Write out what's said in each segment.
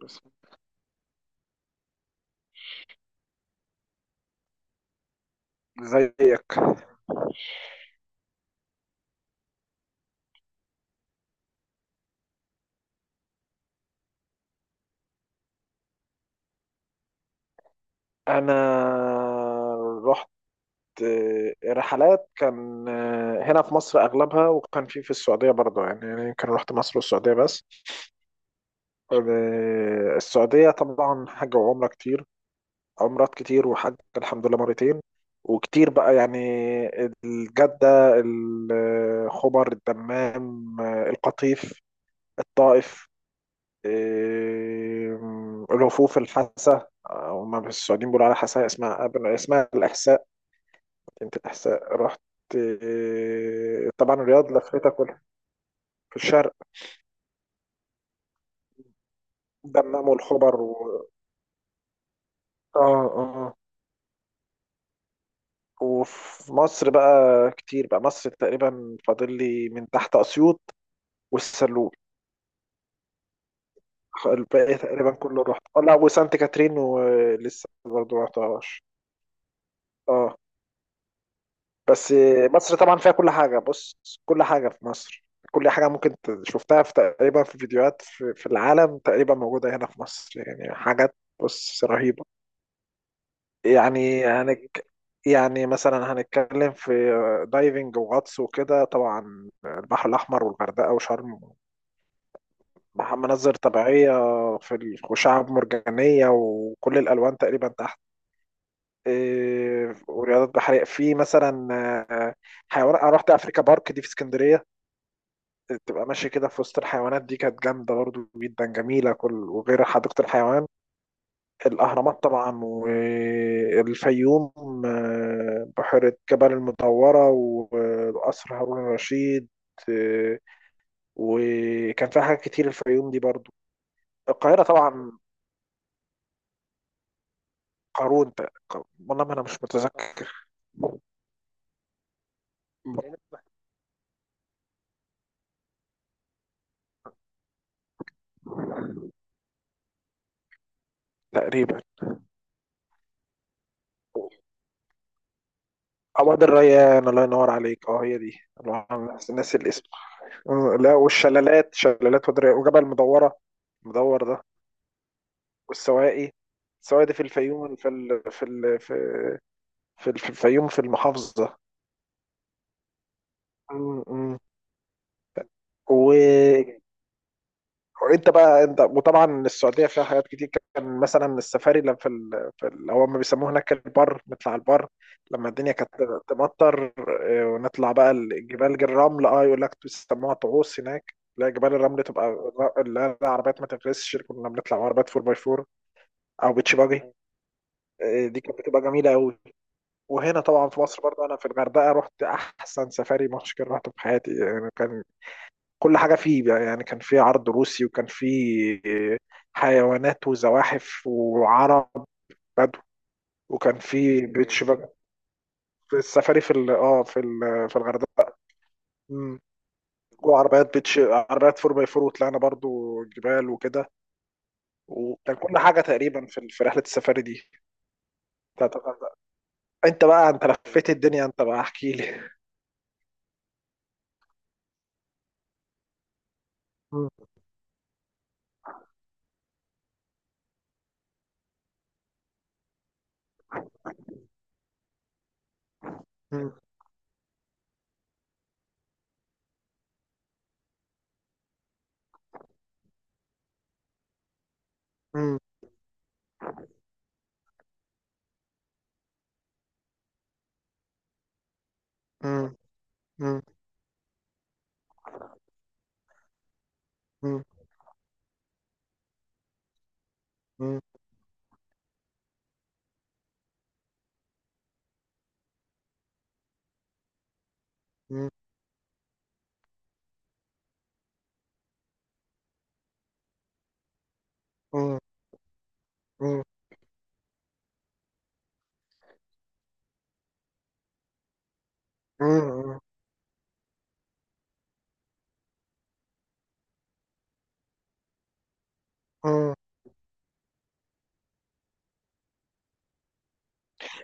بس زيك. انا رحت رحلات كان هنا في مصر اغلبها وكان في السعوديه برضه يعني يمكن رحت مصر والسعوديه بس. السعوديه طبعا حج وعمره كتير، عمرات كتير وحج الحمد لله 2 وكتير بقى يعني. الجده، الخبر، الدمام، القطيف، الطائف، إيه، رفوف الحسا. هما السعوديين بيقولوا على حسا اسمها، قبل اسمها الإحساء، مدينة الإحساء رحت. طبعا الرياض لفتها كلها. في الشرق، دمام والخبر و... اه اه. وفي مصر بقى كتير، بقى مصر تقريبا فاضل لي من تحت أسيوط والسلول، الباقي تقريبا كله رحت. اه لا، وسانت كاترين ولسه برضه ما رحتهاش. اه بس. مصر طبعا فيها كل حاجة، بص كل حاجة في مصر. كل حاجة ممكن شفتها في تقريبا في فيديوهات في العالم تقريبا موجودة هنا في مصر، يعني حاجات بص رهيبة. يعني هنك يعني مثلا هنتكلم في دايفنج وغطس وكده، طبعا البحر الأحمر والغردقة وشرم. مناظر طبيعية وشعب مرجانية وكل الألوان تقريبا تحت. ورياضات بحرية في مثلا آه، حيوانات. أنا رحت أفريكا بارك دي في اسكندرية، تبقى ماشي كده في وسط الحيوانات، دي كانت جامدة برضو جدا جميلة، كل وغير حديقة الحيوان. الأهرامات طبعا والفيوم. بحيرة جبل المدورة وقصر هارون الرشيد. آه، وكان فيها حاجات كتير الفيوم دي برضو. القاهرة طبعا. قارون، والله ما أنا مش متذكر. تقريبا. أو وادي الريان، الله ينور عليك، اه هي دي. ناس الاسم. لا والشلالات، شلالات ودريا وجبل مدورة، مدور ده، والسواقي. السواقي دي في الفيوم، في الفيوم في المحافظة. م- م. و... وانت بقى انت. وطبعا السعودية فيها حاجات كتير، كان مثلا السفاري لما هو ما بيسموه هناك البر، نطلع البر لما الدنيا كانت تمطر. ونطلع بقى الجبال الرمل، اه يقول لك بيسموها طعوس هناك، لا جبال الرمل تبقى الر- لا لا، العربيات ما تفرسش، كنا بنطلع عربيات 4 باي 4 او بيتش باجي. دي كانت بتبقى جميله قوي. وهنا طبعا في مصر برضه انا في الغردقه رحت احسن سفاري مشكل رحته في حياتي، يعني كان كل حاجه فيه بقى، يعني كان فيه عرض روسي وكان فيه حيوانات وزواحف وعرب بدو، وكان فيه بيتش باجي في السفاري في ال- اه في ال- في الغردقه. مم. وعربيات بيتش، عربيات 4 باي 4، وطلعنا برضو جبال وكده، وكان كل حاجه تقريبا في رحله السفاري دي بتاعت الغردقه. انت بقى، انت لفيت الدنيا، انت بقى احكي لي.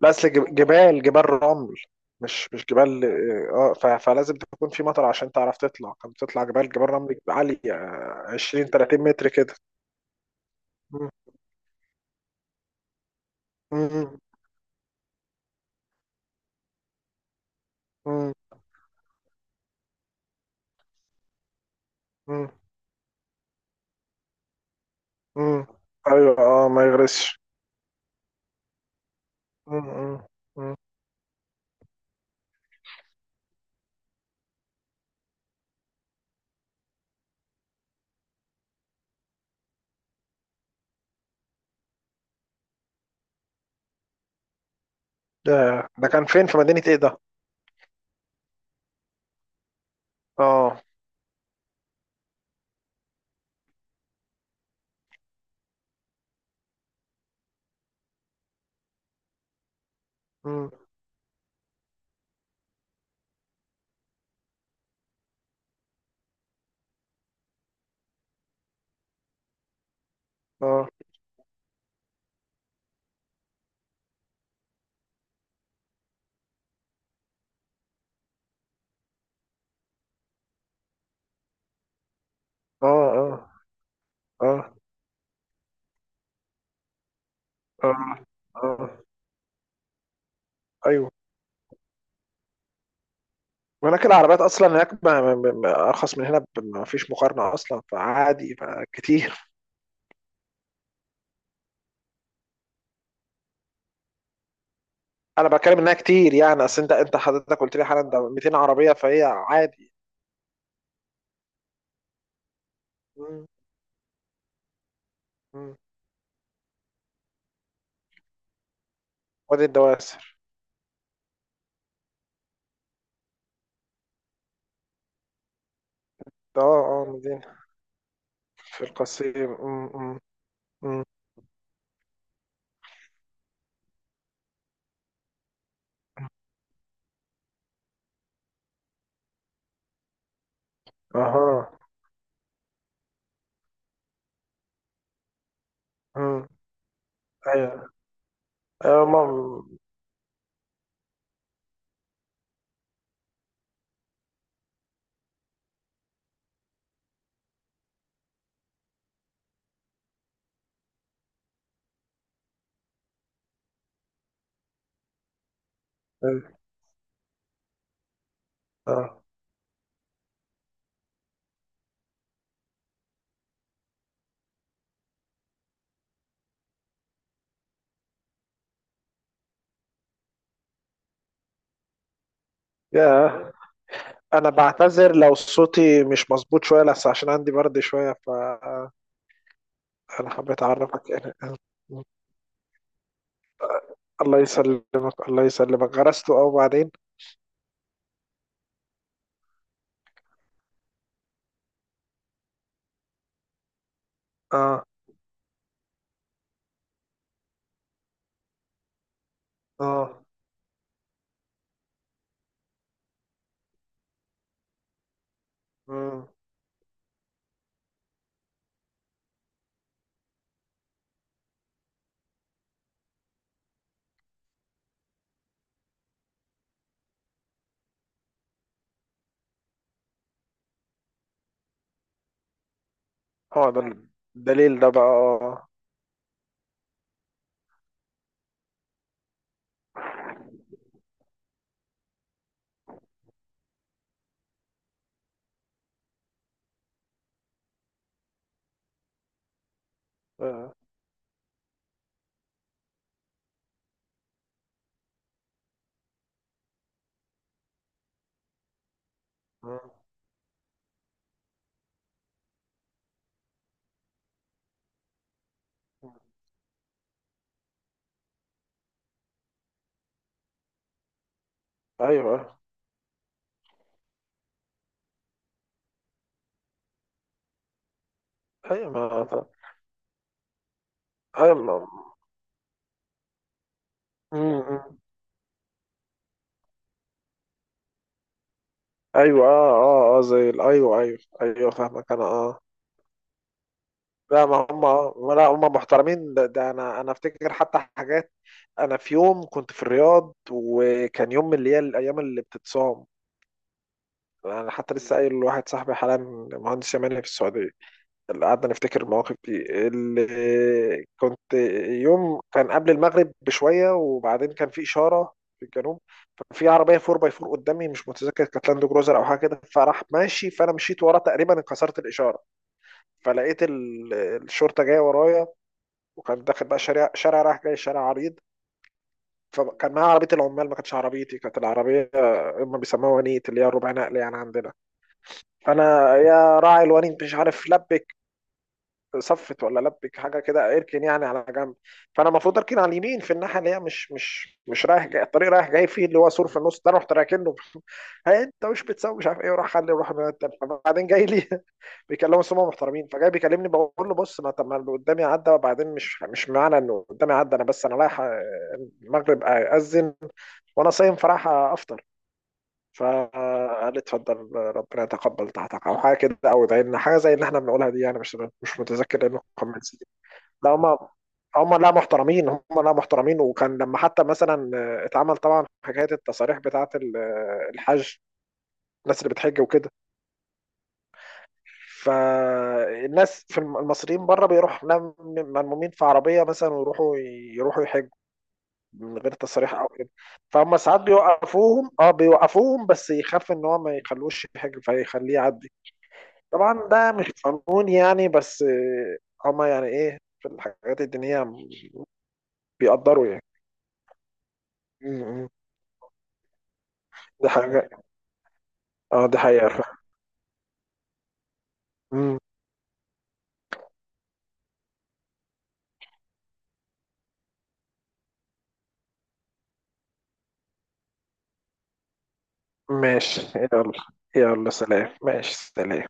بس جبال، جبال رمل، مش جبال. اه، فلازم تكون في مطر عشان تعرف تطلع. كنت بتطلع جبال، جبال رمل عالية، 20 30 متر كده. مم. مم. مم. مم. مم. ايوه اه، ما يغرسش. مم. مم. مم. ده ده كان فين؟ في مدينة ايه ده؟ اه. مم. اه اه اه اه اه اه. ايوه، هناك العربيات اصلا هناك ما ارخص من هنا، ما فيش مقارنه اصلا، فعادي ما كتير. انا بتكلم انها كتير، يعني اصل انت حضرتك قلت لي حالا ده 200 عربيه، فهي عادي. مم. مم. وادي الدواسر. ده اه اه، مدينه في القصيم. مم. مم. مم. اها. مم. ايوه ايوه. مم. اه. يا، انا بعتذر لو صوتي مش مظبوط شويه، بس عشان عندي برد شويه، فانا حبيت اعرفك يعني. الله يسلمك، الله يسلمك. غرسته اه، وبعدين؟ اه اه. مم. هو ده الدليل ده بقى، اه. آه. مم. ايوه ايوه ما ايوه مم. مم. ايوه اه اه اه، ايوه ايوه ايوه، فاهمك انا، اه. لا ما هم، لا هم محترمين، ده انا افتكر حتى حاجات. انا في يوم كنت في الرياض، وكان يوم من اللي هي الايام اللي بتتصام. انا حتى لسه قايل لواحد صاحبي حالا، مهندس يماني في السعوديه، اللي قعدنا نفتكر المواقف دي اللي كنت. يوم كان قبل المغرب بشوية، وبعدين كان في إشارة في الجنوب، ففي عربية 4 باي 4 قدامي، مش متذكر كانت لاند كروزر أو حاجة كده، فراح ماشي، فأنا مشيت وراه، تقريبا انكسرت الإشارة، فلقيت الشرطة جاية ورايا. وكان داخل بقى شارع، شارع رايح جاي، شارع عريض. فكان معايا عربية العمال، ما كانتش عربيتي، كانت العربية هم بيسموها ونيت، اللي هي الربع نقل يعني عندنا. فأنا يا راعي الونيت، مش عارف لبك صفت ولا لبك حاجه كده، اركن يعني على جنب. فانا المفروض اركن على اليمين، في الناحيه اللي هي مش رايح جاي، الطريق رايح جاي، فيه اللي هو سور في النص ده، رحت راكنه. هي انت مش بتسوي مش عارف ايه، وراح خلي وراح. بعدين جاي لي بيكلموا سمو، محترمين، فجاي بيكلمني، بقول له بص ما طب ما اللي قدامي عدى، وبعدين مش معنى انه قدامي عدى انا، بس انا رايح المغرب اذن، وانا صايم، فراح افطر. فقال لي اتفضل، ربنا يتقبل طاعتك، او حاجه كده، او ادعي لنا حاجه زي اللي احنا بنقولها دي يعني. مش متذكر لانه كومنتس. لا هم، لا محترمين هم، لا محترمين. وكان لما حتى مثلا اتعمل طبعا حكايه التصاريح بتاعه الحج، الناس اللي بتحج وكده. فالناس في المصريين بره بيروحوا ملمومين في عربيه مثلا ويروحوا، يروحوا يحجوا من غير تصاريح او كده. فهم ساعات بيوقفوهم، اه بيوقفوهم بس يخاف ان هو ما يخلوش يحج فيخليه يعدي. طبعا ده مش قانون يعني، بس هم يعني ايه، في الحاجات الدينيه بيقدروا يعني. دي حاجة، اه دي حقيقة فعلا. مم. ماشي، يلا. يلا سلام، ماشي، سلام.